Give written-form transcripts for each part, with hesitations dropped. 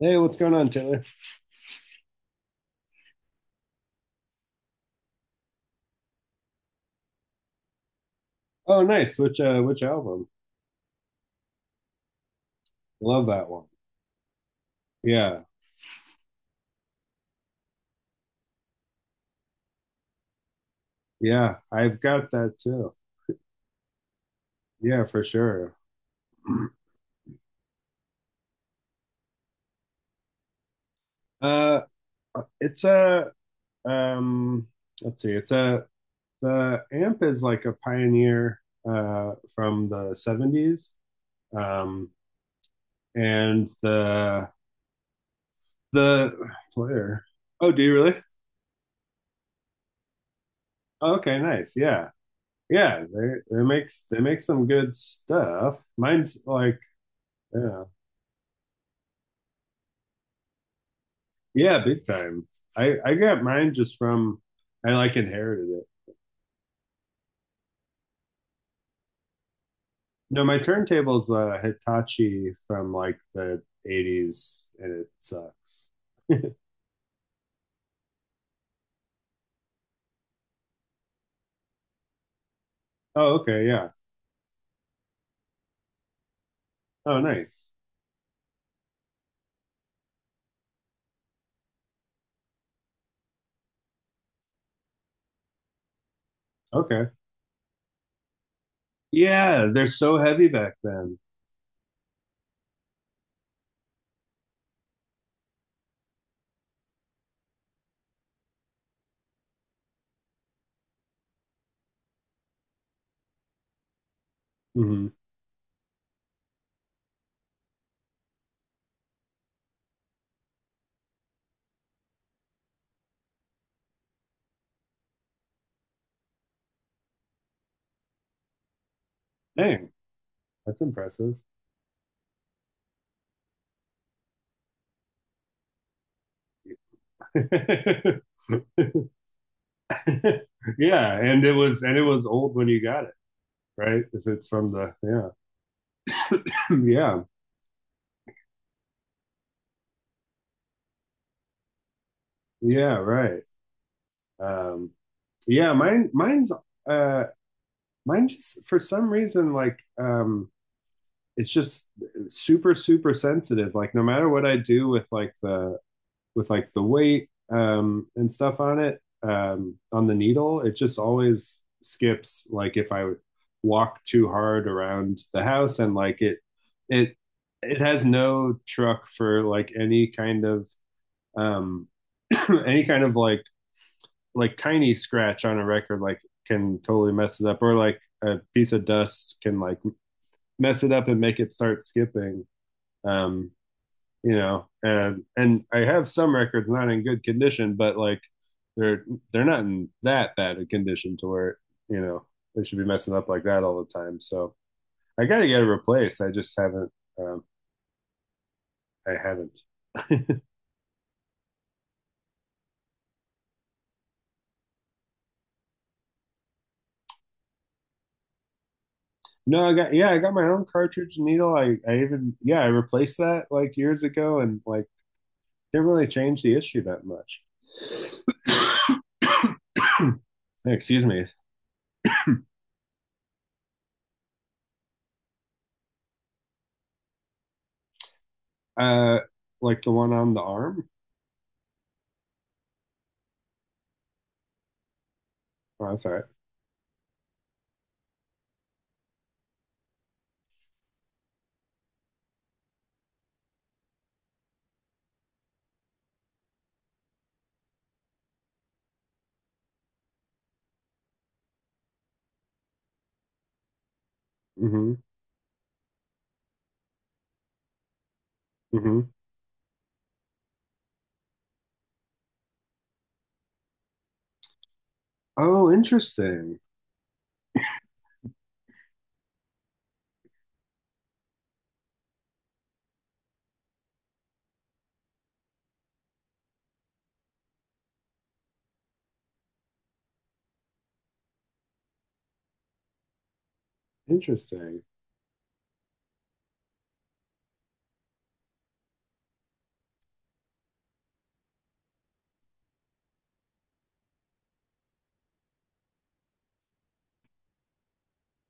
Hey, what's going on, Taylor? Oh, nice. Which album? Love that one. Yeah. Yeah, I've got that too. Yeah, for sure. Uh it's a um let's see. It's a the amp is like a pioneer from the '70s. Um and the player. Oh, do you really? Oh, okay, nice. Yeah. Yeah, they make some good stuff. Mine's like, yeah. Yeah, big time. I got mine just from, I like inherited it. No, my turntable's a Hitachi from like the '80s, and it sucks. Oh, okay, yeah. Oh, nice. Okay. Yeah, they're so heavy back then. Hmm. Dang, that's impressive. Yeah, and it was old when you got it, right? If it's from the, yeah. Yeah. Yeah, right. Um yeah, mine's uh Mine just, for some reason, like, it's just super, super sensitive. Like, no matter what I do with like the weight, and stuff on it, on the needle, it just always skips. Like, if I walk too hard around the house, and like it, it, it has no truck for like any kind of, um, any kind of like tiny scratch on a record, like can totally mess it up, or like a piece of dust can like mess it up and make it start skipping. Um, and I have some records not in good condition, but like they're they're not in that bad a condition to where, you know they should be messing up like that all the time. So I gotta get it replaced. I just haven't. Um, I haven't. no, I got, yeah, I got my own cartridge and needle. I even, yeah, I replaced that like years ago, and like didn't really change the issue that much. Hey, excuse me. Uh, like the one on the arm. Oh, that's all right. Mm-hmm. Hmm. Oh, interesting. Interesting.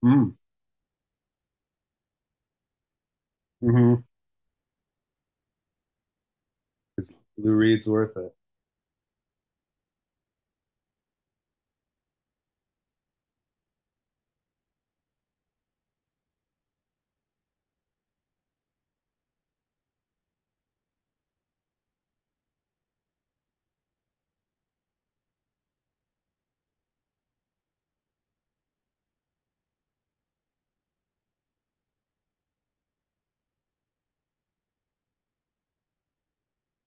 Mm. Hmm. It's Lou Reed's worth it.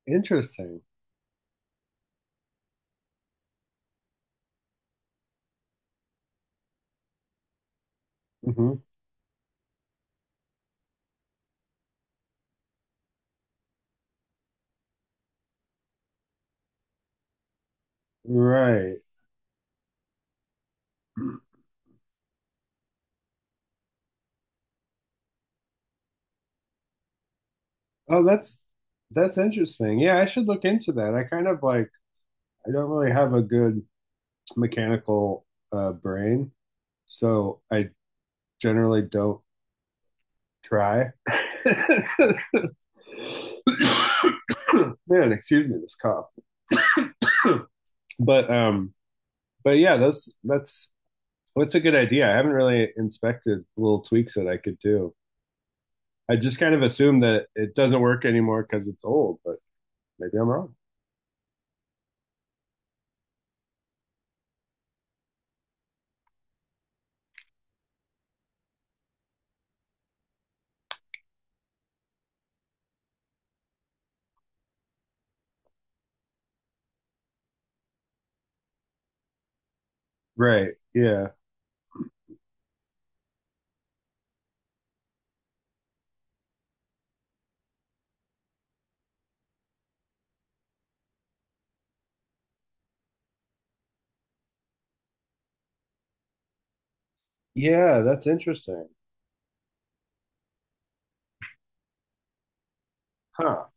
Interesting. Hmm. Right. Oh, that's interesting. Yeah, I should look into that. I kind of like, I don't really have a good mechanical brain, so I generally don't try. Man, excuse me, this cough. But um, but yeah, that's what's a good idea? I haven't really inspected little tweaks that I could do. I just kind of assume that it doesn't work anymore because it's old, but maybe I'm wrong. Right. Yeah. Yeah, that's interesting. Huh.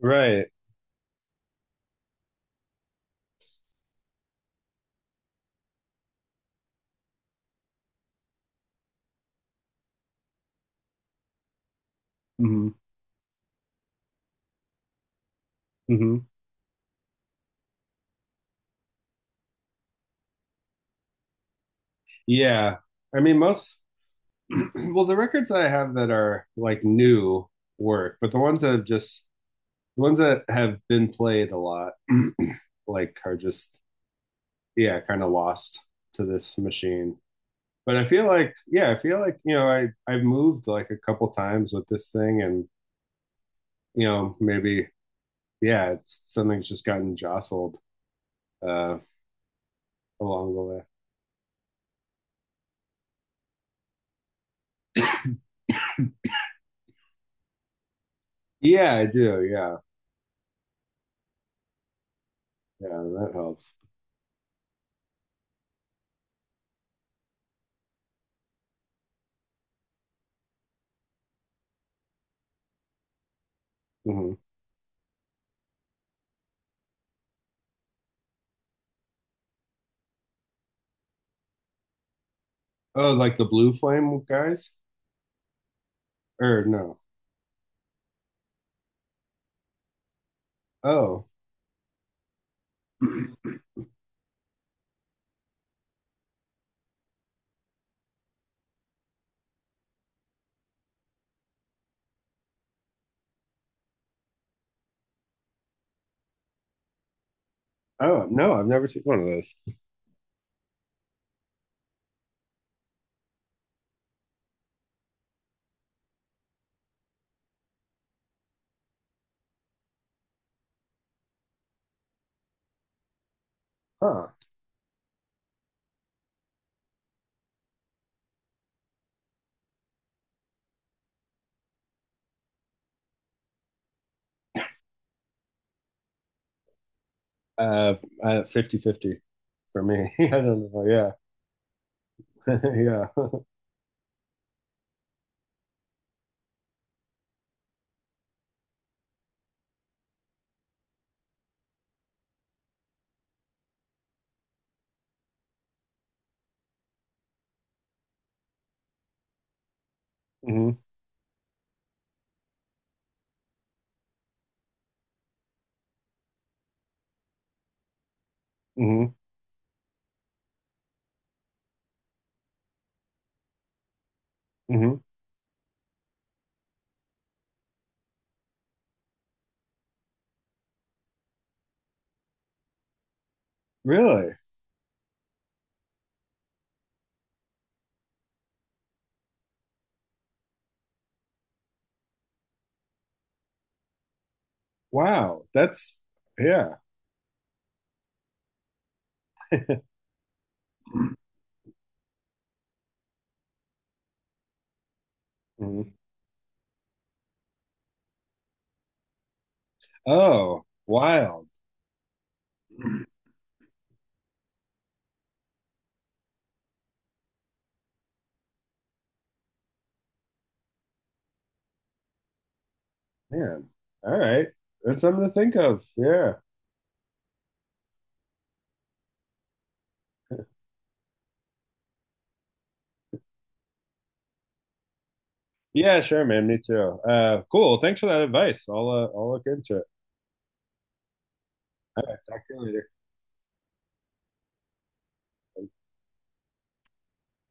Right. Hmm. Hmm. Yeah. I mean, most, well, the records I have that are like new work, but the ones that have just, the ones that have been played a lot, like are just, yeah, kind of lost to this machine. But I feel like, yeah, I feel like, you know, I I've moved like a couple times with this thing and, you know, maybe, yeah, it's something's just gotten jostled uh along the way. Yeah, I do. Yeah. Yeah, that helps. Hmm. Oh, like the blue flame guys? Or no. Oh. Oh, no, I've never seen one of those. Huh. Uh, 50 fifty for me. I don't know. Yeah. Yeah. hmm. Hmm. Hmm. Really? Wow. That's, yeah. Mhm. Oh, wild. Man. All right. That's something to think of. Yeah. Yeah, sure, man. Me too. Cool. Thanks for that advice. I'll look into it. All right. Talk to you later.